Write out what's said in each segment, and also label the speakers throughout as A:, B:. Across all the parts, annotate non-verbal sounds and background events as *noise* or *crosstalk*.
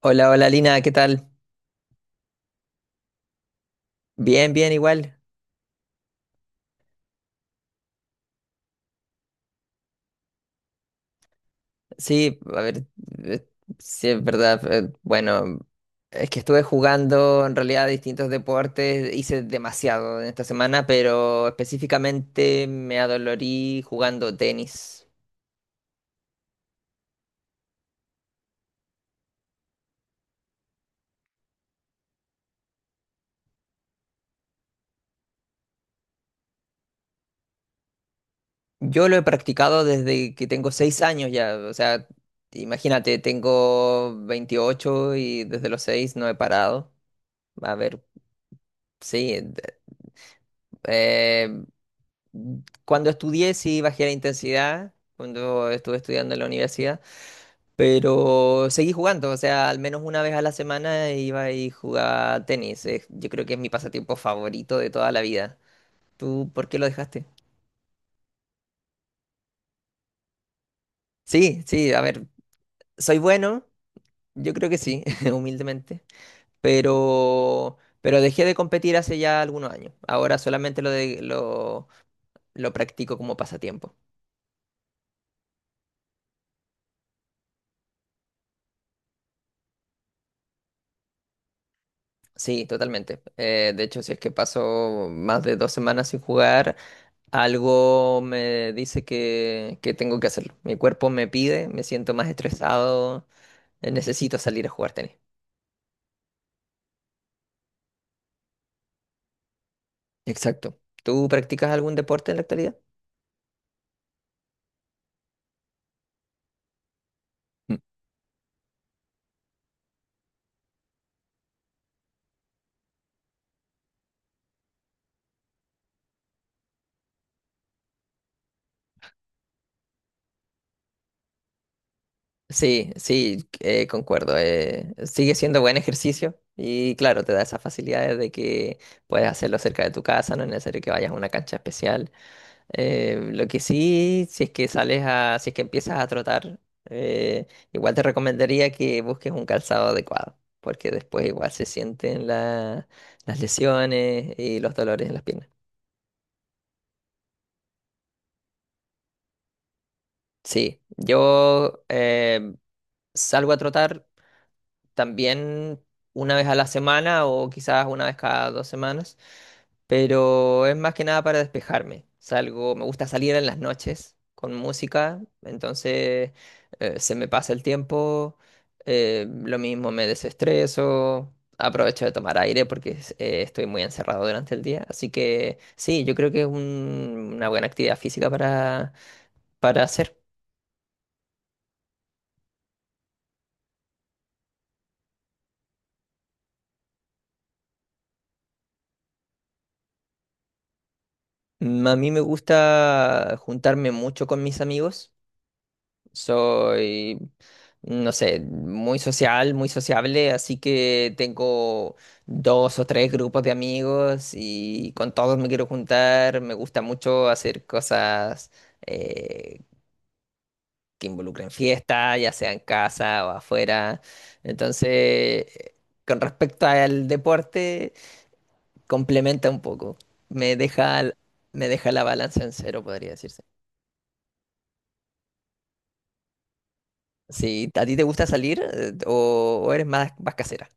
A: Hola, hola Lina, ¿qué tal? Bien, bien, igual. Sí, a ver, eh, sí es verdad. Bueno, es que estuve jugando en realidad distintos deportes, hice demasiado en esta semana, pero específicamente me adolorí jugando tenis. Yo lo he practicado desde que tengo 6 años ya, o sea, imagínate, tengo 28 y desde los 6 no he parado. A ver, sí, eh, Cuando estudié sí bajé la intensidad, cuando estuve estudiando en la universidad, pero seguí jugando, o sea, al menos una vez a la semana iba y jugaba tenis. Yo creo que es mi pasatiempo favorito de toda la vida. ¿Tú por qué lo dejaste? Sí, sí, a ver, soy bueno, yo creo que sí, *laughs* humildemente, pero dejé de competir hace ya algunos años. Ahora solamente lo practico como pasatiempo. Sí, totalmente. De hecho, si es que paso más de 2 semanas sin jugar, algo me dice que tengo que hacerlo. Mi cuerpo me pide, me siento más estresado, necesito salir a jugar tenis. Exacto. ¿Tú practicas algún deporte en la actualidad? Mm. Sí, sí, concuerdo. Sigue siendo buen ejercicio y claro, te da esas facilidades de que puedes hacerlo cerca de tu casa, no es necesario que vayas a una cancha especial. Lo que sí, si es que sales a, si es que empiezas a trotar, eh, igual te recomendaría que busques un calzado adecuado, porque después igual se sienten las lesiones y los dolores en las piernas. Sí, yo salgo a trotar también una vez a la semana o quizás una vez cada 2 semanas. Pero es más que nada para despejarme. Salgo, me gusta salir en las noches con música, entonces se me pasa el tiempo, lo mismo me desestreso, aprovecho de tomar aire porque estoy muy encerrado durante el día. Así que sí, yo creo que es una buena actividad física para hacer. A mí me gusta juntarme mucho con mis amigos. Soy, no sé, muy social, muy sociable, así que tengo dos o tres grupos de amigos y con todos me quiero juntar. Me gusta mucho hacer cosas eh, que involucren fiesta, ya sea en casa o afuera. Entonces, con respecto al deporte, complementa un poco. Me deja, me deja la balanza en cero, podría decirse. Sí, ¿a ti te gusta salir o eres más, más casera?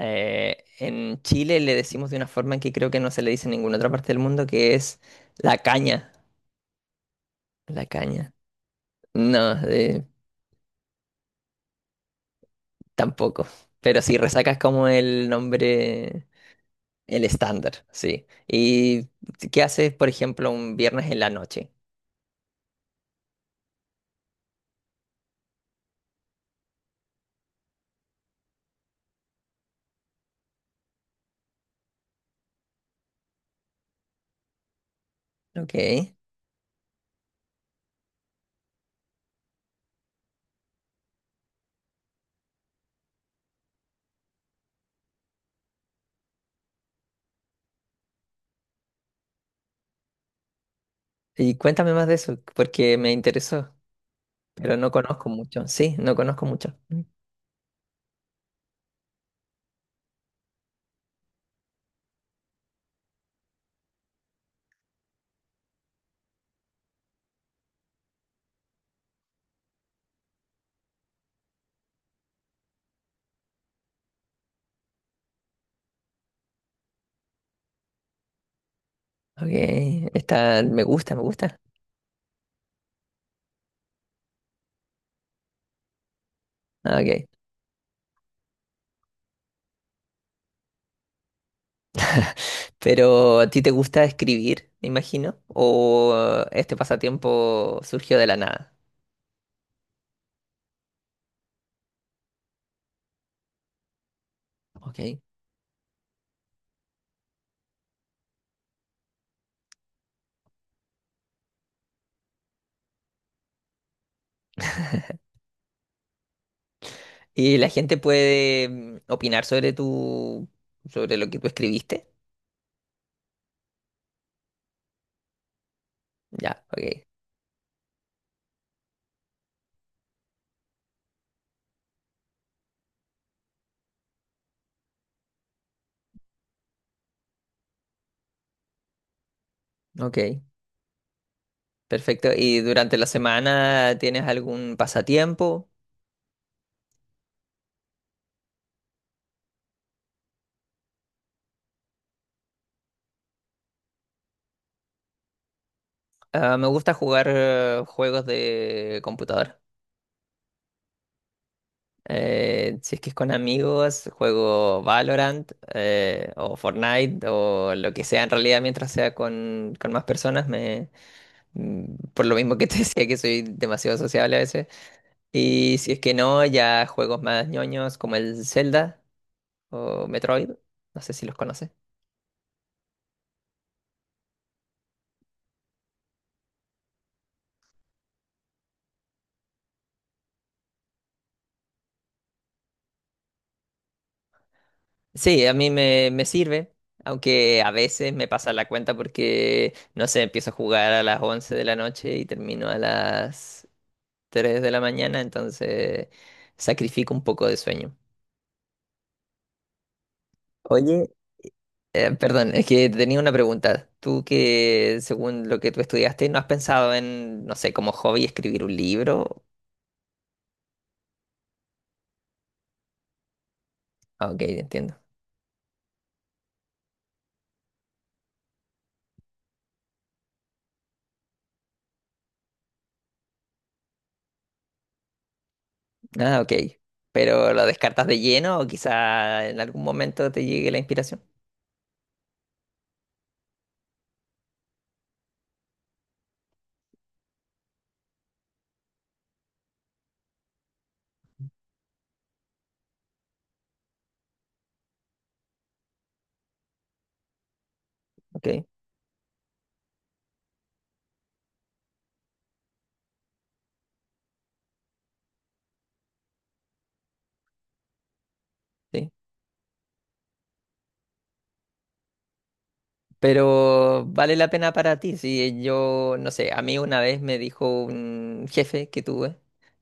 A: En Chile le decimos de una forma que creo que no se le dice en ninguna otra parte del mundo, que es la caña. La caña. No, tampoco. Pero sí, resaca es como el nombre, el estándar, sí. ¿Y qué haces, por ejemplo, un viernes en la noche? Ok. Y cuéntame más de eso, porque me interesó, pero no conozco mucho. Sí, no conozco mucho. Ok, está, me gusta, me gusta. Ah, ok. *laughs* Pero ¿a ti te gusta escribir, me imagino? ¿O este pasatiempo surgió de la nada? Ok. ¿Y la gente puede opinar sobre tu, sobre lo que tú escribiste? Ya, ok. Ok, perfecto. ¿Y durante la semana tienes algún pasatiempo? Ah, me gusta jugar juegos de computadora. Si es que es con amigos, juego Valorant o Fortnite o lo que sea en realidad mientras sea con más personas, por lo mismo que te *laughs* decía que soy demasiado sociable a veces. Y si es que no, ya juegos más ñoños como el Zelda o Metroid, no sé si los conoces. Sí, a mí me, me sirve, aunque a veces me pasa la cuenta porque, no sé, empiezo a jugar a las 11 de la noche y termino a las 3 de la mañana, entonces sacrifico un poco de sueño. Oye, perdón, es que tenía una pregunta. Tú que, según lo que tú estudiaste, ¿no has pensado en, no sé, como hobby escribir un libro? Ah, ok, entiendo. Ah, ok. ¿Pero lo descartas de lleno o quizá en algún momento te llegue la inspiración? Ok, sí. Pero vale la pena para ti. Si yo, no sé, a mí una vez me dijo un jefe que tuve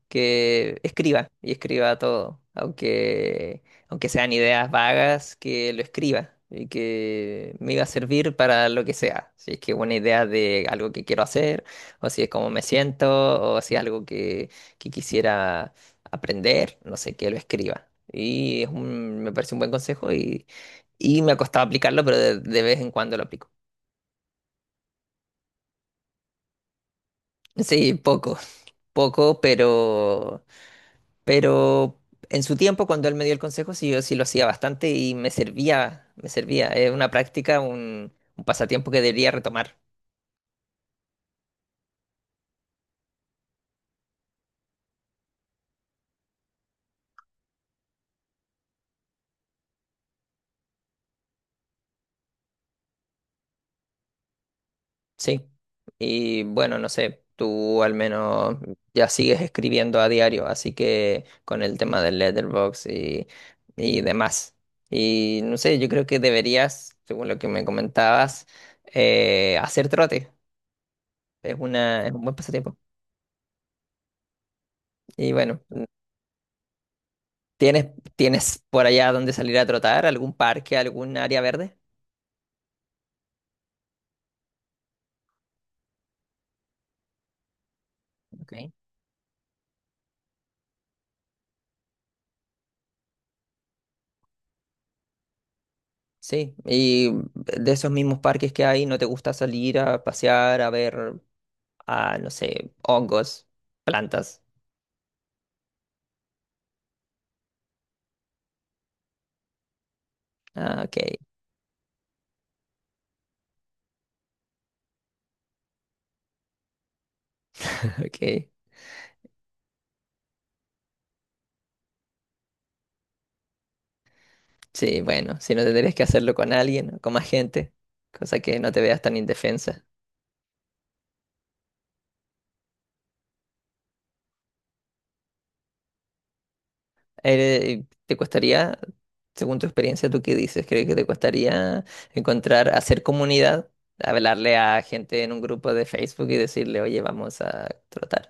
A: que escriba y escriba todo, aunque sean ideas vagas, que lo escriba y que me iba a servir para lo que sea. Si es que una idea de algo que quiero hacer, o si es cómo me siento, o si es algo que quisiera aprender, no sé, que lo escriba. Y es un- me parece un buen consejo y me ha costado aplicarlo, pero de vez en cuando lo aplico. Sí, poco, poco, pero en su tiempo, cuando él me dio el consejo, sí, yo sí lo hacía bastante y me servía, me servía. Es una práctica, un pasatiempo que debería retomar, sí. Y bueno, no sé, tú al menos ya sigues escribiendo a diario, así que con el tema del letterbox y demás. Y no sé, yo creo que deberías, según lo que me comentabas, hacer trote. Es una, es un buen pasatiempo. Y bueno, ¿Tienes, tienes por allá donde salir a trotar? ¿Algún parque, algún área verde? Ok. Sí, y de esos mismos parques que hay, ¿no te gusta salir a pasear, a ver, no sé, hongos, plantas? Ah, ok, *laughs* ok. Sí, bueno, si no tendrías que hacerlo con alguien, con más gente, cosa que no te veas tan indefensa. ¿Te costaría, según tu experiencia, tú qué dices? ¿Crees que te costaría encontrar, hacer comunidad, hablarle a gente en un grupo de Facebook y decirle, oye, vamos a trotar?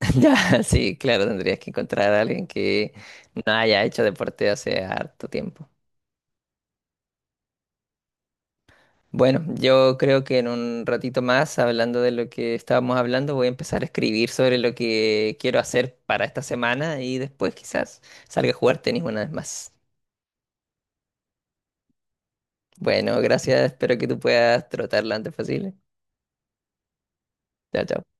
A: *laughs* Ya, sí, claro, tendrías que encontrar a alguien que no haya hecho deporte hace harto tiempo. Bueno, yo creo que en un ratito más, hablando de lo que estábamos hablando, voy a empezar a escribir sobre lo que quiero hacer para esta semana y después quizás salga a jugar tenis una vez más. Bueno, gracias. Espero que tú puedas trotar lo antes posible. Chao, chao.